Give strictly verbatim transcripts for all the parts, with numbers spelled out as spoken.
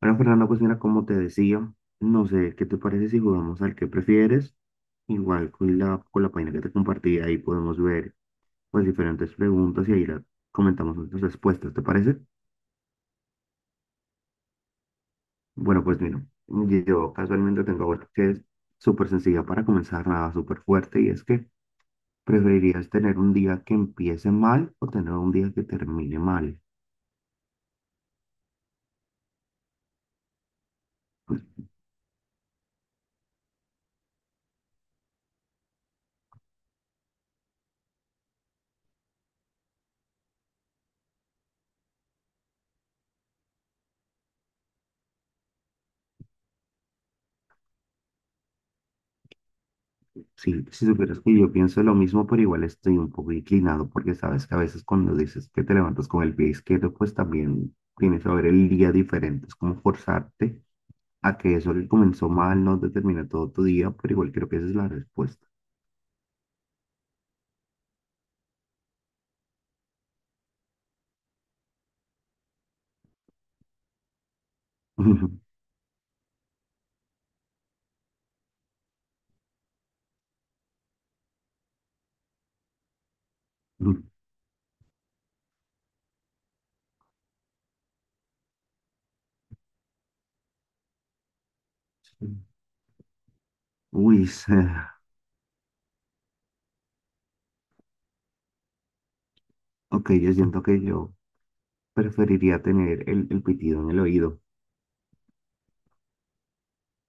Bueno, Fernando, pues mira, como te decía, no sé, ¿qué te parece si jugamos al que prefieres? Igual con la, con la página que te compartí, ahí podemos ver pues diferentes preguntas y ahí la- comentamos nuestras respuestas, ¿te parece? Bueno, pues mira, yo casualmente tengo otra que es súper sencilla para comenzar, nada súper fuerte, y es que ¿preferirías tener un día que empiece mal o tener un día que termine mal? Sí, si supieras que yo pienso lo mismo, pero igual estoy un poco inclinado porque sabes que a veces cuando dices que te levantas con el pie izquierdo, pues también tienes que ver el día diferente. Es como forzarte a que eso que comenzó mal no determina todo tu día, pero igual creo que esa es la respuesta. Uy, se- ok, yo siento que yo preferiría tener el, el pitido en el oído.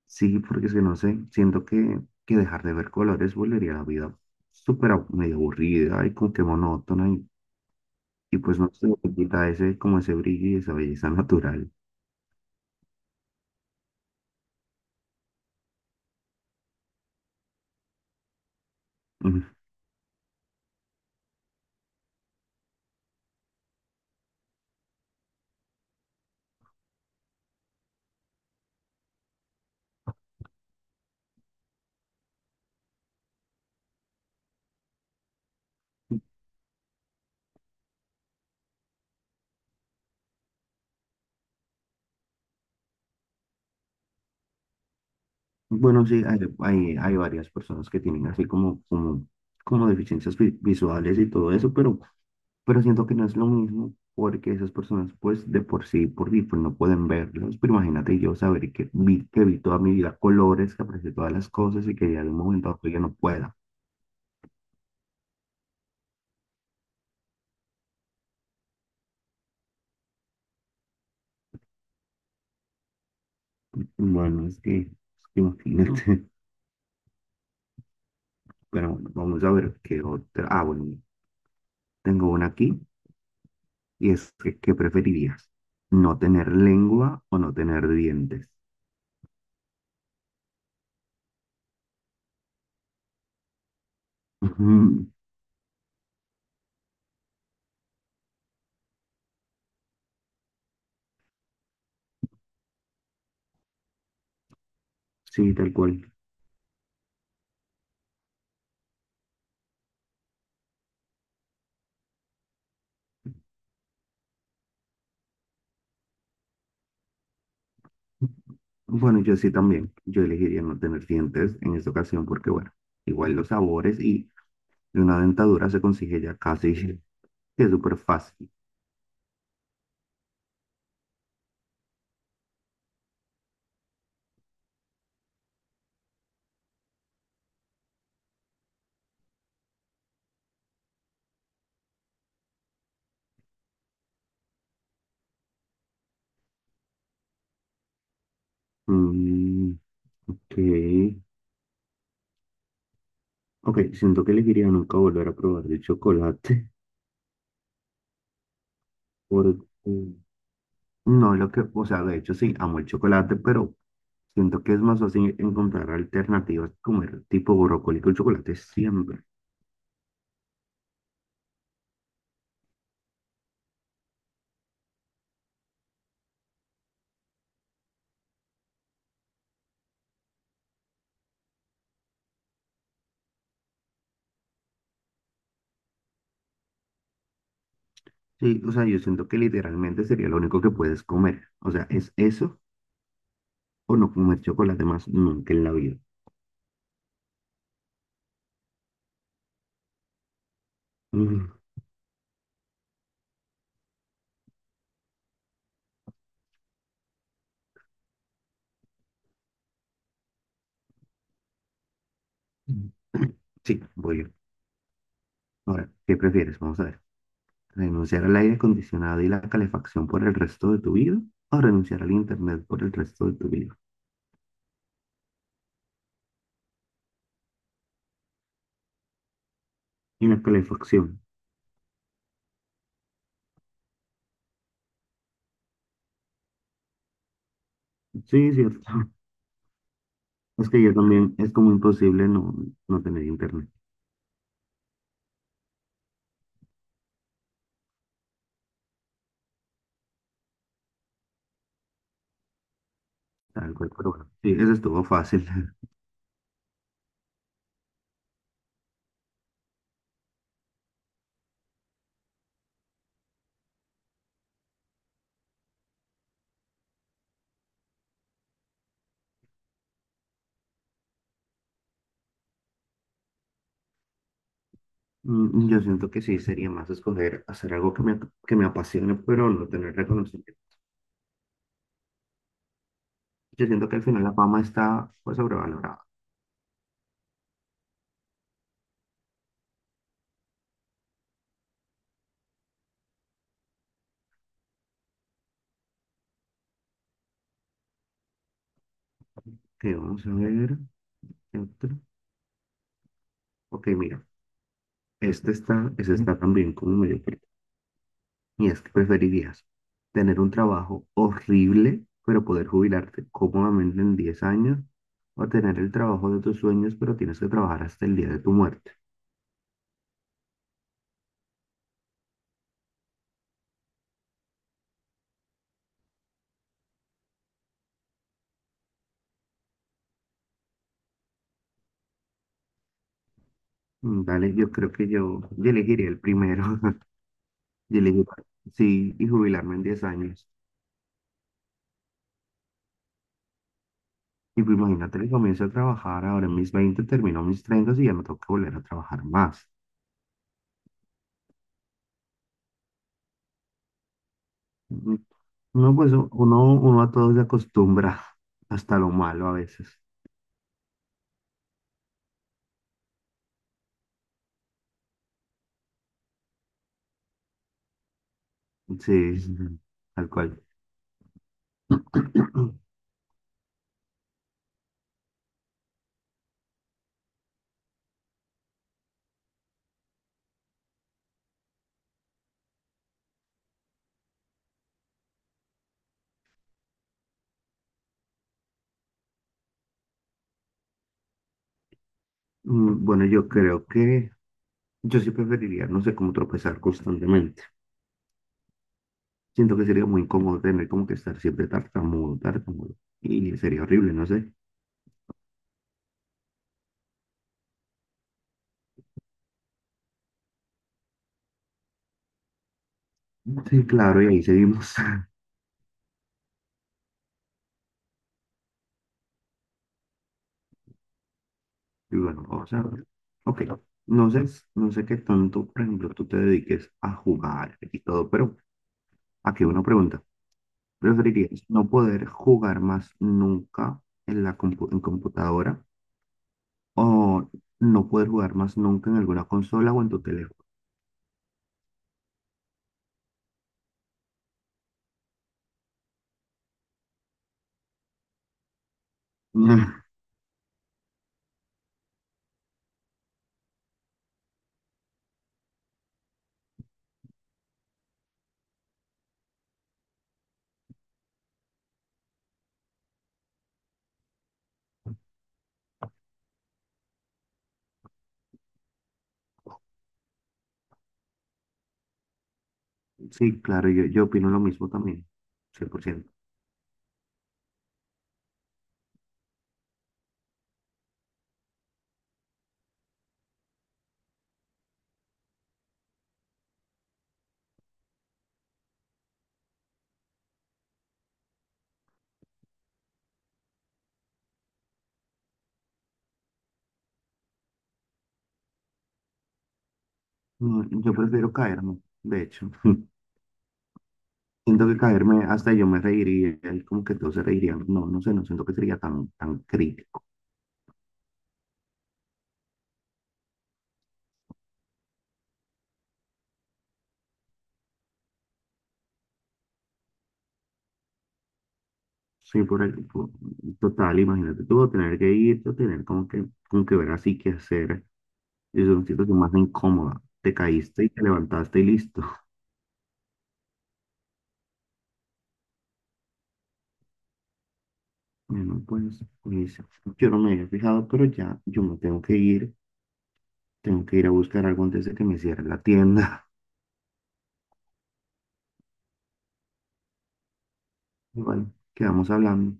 Sí, porque es que no sé, siento que, que dejar de ver colores volvería a la vida súper abu- medio aburrida y como que monótona. Y pues no se le quita ese, como ese brillo y esa belleza natural. Mm. Bueno, sí, hay, hay, hay varias personas que tienen así como, como, como deficiencias vi- visuales y todo eso, pero, pero siento que no es lo mismo porque esas personas pues de por sí, por sí, pues no pueden verlos. Pero imagínate yo saber que vi, que vi toda mi vida colores, que aprecié todas las cosas y que ya de un momento a otro ya no pueda. Bueno, es que, es que imagínate. Pero bueno, vamos a ver qué otra. Ah, bueno, tengo una aquí. Y es que, ¿qué preferirías? ¿No tener lengua o no tener dientes? Ujú. Sí, tal cual. Bueno, yo sí también. Yo elegiría no tener dientes en esta ocasión porque, bueno, igual los sabores y una dentadura se consigue ya casi que es súper fácil. Mm, ok. Ok, siento que elegiría nunca volver a probar el chocolate. Porque no, lo que, o sea, de hecho sí, amo el chocolate, pero siento que es más fácil encontrar alternativas, comer tipo brócoli con chocolate siempre. Sí, o sea, yo siento que literalmente sería lo único que puedes comer. O sea, es eso o no comer chocolate más nunca en la vida. Mm. Sí, voy yo. Ahora, ¿qué prefieres? Vamos a ver. ¿Renunciar al aire acondicionado y la calefacción por el resto de tu vida? ¿O renunciar al internet por el resto de tu vida? Y la calefacción. Sí, cierto. Es que yo también, es como imposible no, no tener internet, tal cual, pero bueno, sí, eso estuvo fácil. Mm, yo siento que sí, sería más escoger hacer algo que me, que me apasione, pero no tener reconocimiento. Yo siento que al final la fama está pues sobrevalorada. Que vamos a ver, ¿qué otro? Ok, mira, este está, ese está también como medio fuerte. Y es que preferirías tener un trabajo horrible, pero poder jubilarte cómodamente en diez años, o tener el trabajo de tus sueños, pero tienes que trabajar hasta el día de tu muerte. Mm, dale, yo creo que yo, yo elegiría el primero. Yo elegiría, sí, y jubilarme en diez años. Y pues imagínate que comienzo a trabajar ahora en mis veinte termino mis treinta y ya no tengo que volver a trabajar más. Mm, no, pues u- uno, uno a todo se acostumbra, hasta lo malo a veces. Sí, ujú, tal cual. Mm, bueno, yo creo que yo sí preferiría, no sé, cómo tropezar constantemente. Siento que sería muy incómodo tener como que estar siempre tartamudo, tartamudo. Y sería horrible, no sé. Sí, claro, y ahí seguimos. Y bueno, vamos a ver. Ok, no sé, no sé qué tanto, por ejemplo, tú te dediques a jugar y todo, pero aquí una pregunta. ¿Preferirías no poder jugar más nunca en la compu- en computadora o no poder jugar más nunca en alguna consola o en tu teléfono? Mm. Sí, claro, yo, yo opino lo mismo también, cien por ciento. Mm, yo prefiero caerme, de hecho. Siento que caerme, hasta yo me reiría, y como que todos se reirían. No, no sé, no siento que sería tan, tan crítico. Sí, por el por- total, imagínate tú tener que ir, tú tener como que, como que ver así qué hacer. Es una situación más incómoda. Te caíste y te levantaste y listo. Bueno, pues, pues, yo no me había fijado, pero ya yo me tengo que ir. Tengo que ir a buscar algo antes de que me cierre la tienda. Y bueno, quedamos hablando.